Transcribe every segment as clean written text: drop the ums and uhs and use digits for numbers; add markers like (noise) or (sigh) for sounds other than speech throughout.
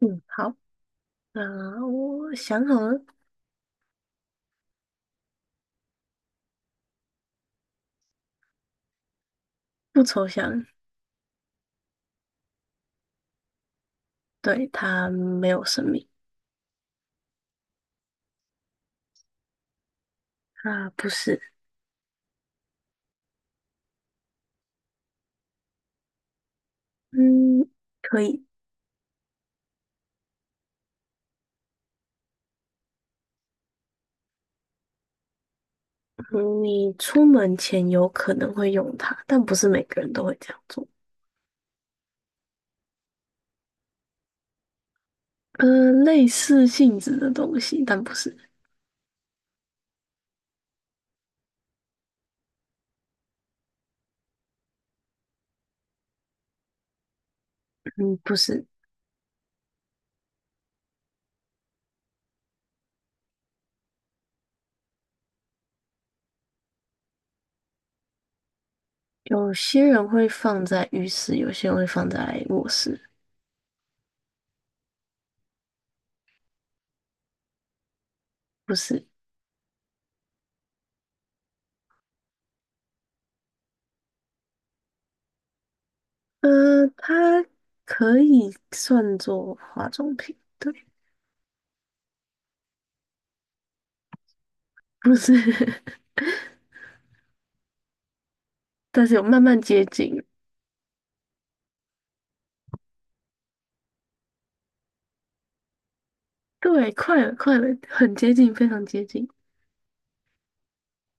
嗯，好，那我想好了。不抽象。对，它没有生命。啊，不是。嗯，可以。嗯你出门前有可能会用它，但不是每个人都会这样做。呃，类似性质的东西，但不是。嗯，不是。有些人会放在浴室，有些人会放在卧室。不是。呃，它可以算作化妆品，对。不是，(laughs) 但是有慢慢接近。对，快了，快了，很接近，非常接近。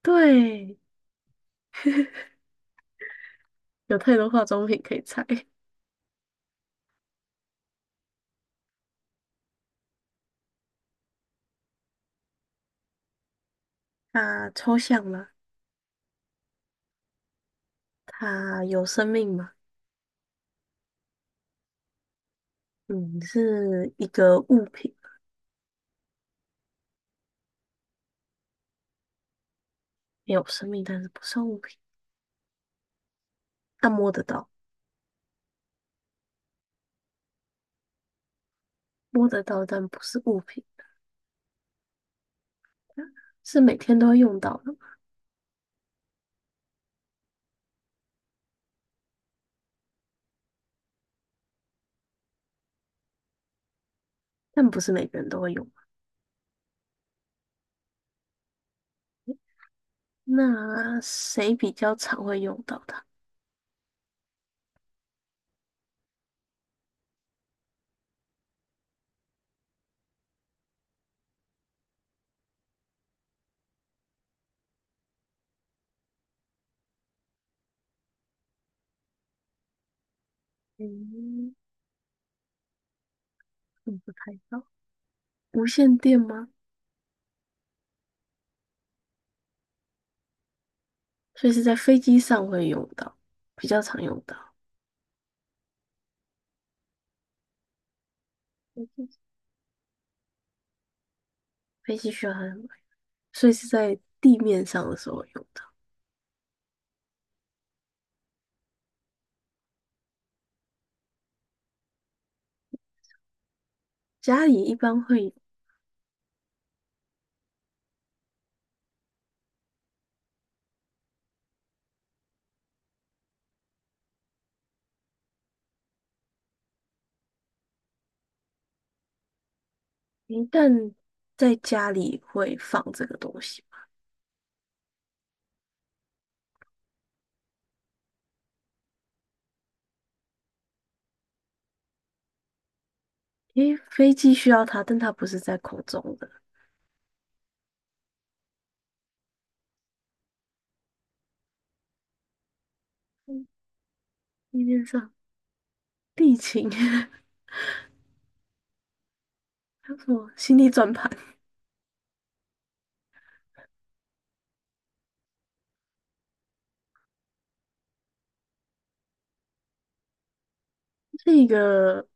对，有太多化妆品可以猜。(laughs) 它抽象了？它有生命吗？嗯，是一个物品。没有生命，但是不算物品。它摸得到。摸得到，但不是物品。是每天都会用到的吗？但不是每个人都会用。那谁比较常会用到它？嗯，我不太知道。无线电吗？所以是在飞机上会用到，比较常用到。飞机飞机需要它来，所以是在地面上的时候会用到。家里一般会，一旦在家里会放这个东西吧。因为飞机需要它，但它不是在空中的。地面上地勤，(laughs) 还有什么心力转盘，是一个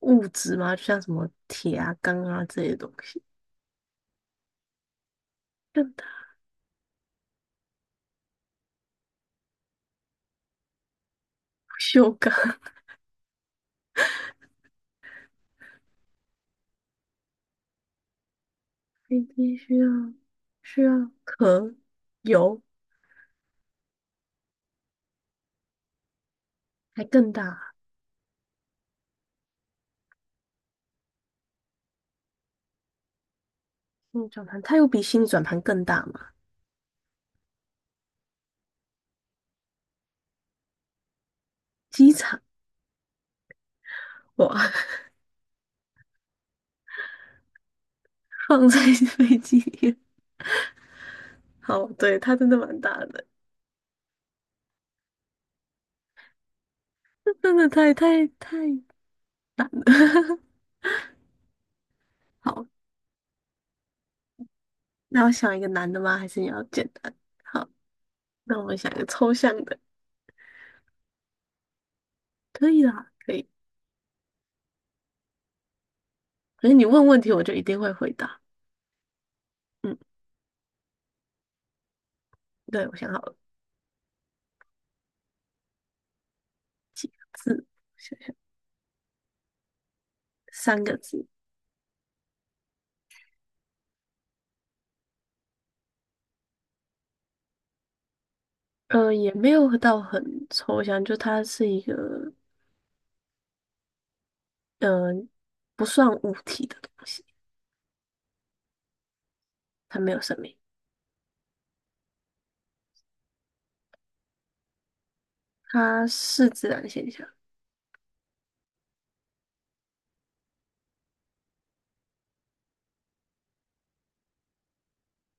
物质吗？就像什么铁啊、钢啊这些东西。更大？不锈钢，(laughs) 飞机需要壳、油，还更大。心力转盘，它有比心力转盘更大吗？机场，哇，(laughs) 放在飞机里面。好，对，它真的蛮大的，(laughs) 这真的太 (laughs) 好。那我想一个难的吗？还是你要简单？好，那我们想一个抽象的。可以啦，可以。可是你问问题，我就一定会回答。嗯，对，我想好了。几个字？想想，三个字。呃，也没有到很抽象，就它是一个，呃，不算物体的东西。它没有生命，它是自然现象。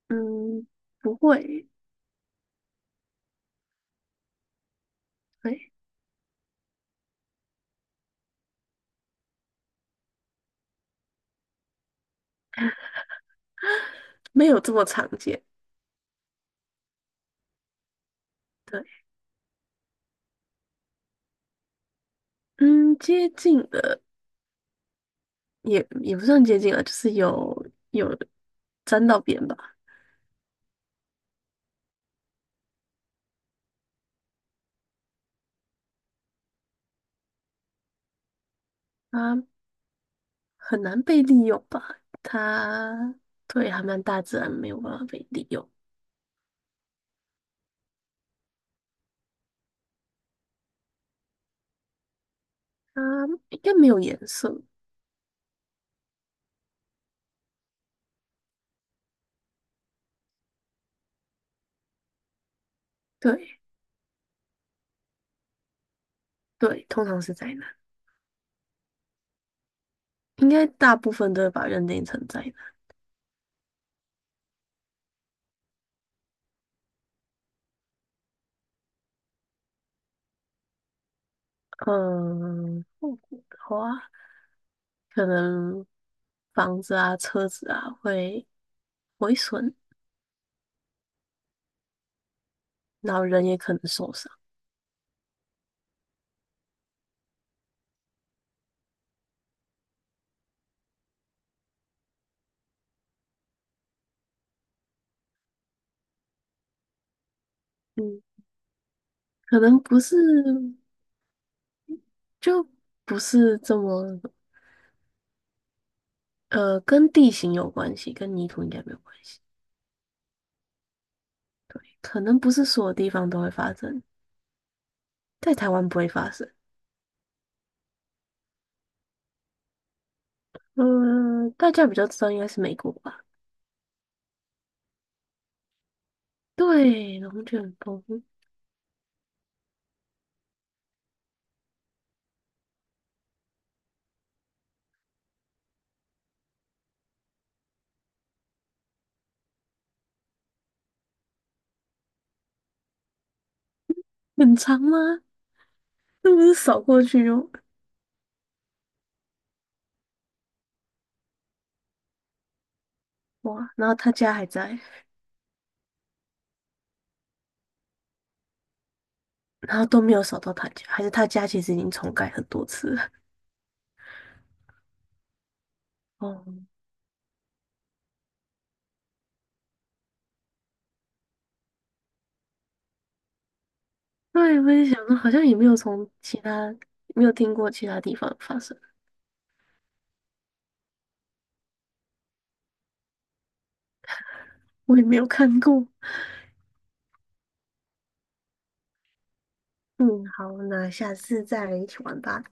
嗯，不会。哎，没有这么常见。对。嗯，接近的，也不算接近了，就是有沾到边吧。啊。很难被利用吧？它对还蛮大自然没有办法被利用。它应该没有颜色。对对，通常是灾难。应该大部分都会把认定成灾难。嗯，后果的话，可能房子啊、车子啊会毁损，然后人也可能受伤。嗯，可能不是。就不是这么，呃，跟地形有关系，跟泥土应该没有关系。可能不是所有地方都会发生，在台湾不会发生。嗯，大家比较知道应该是美国吧？对，龙卷风。很长吗？那不是扫过去就，哇，然后他家还在，然后都没有扫到他家，还是他家其实已经重盖很多次了。哦，对，我也想到，好像也没有从其他，没有听过其他地方发生。我也没有看过。嗯，好，那下次再一起玩吧。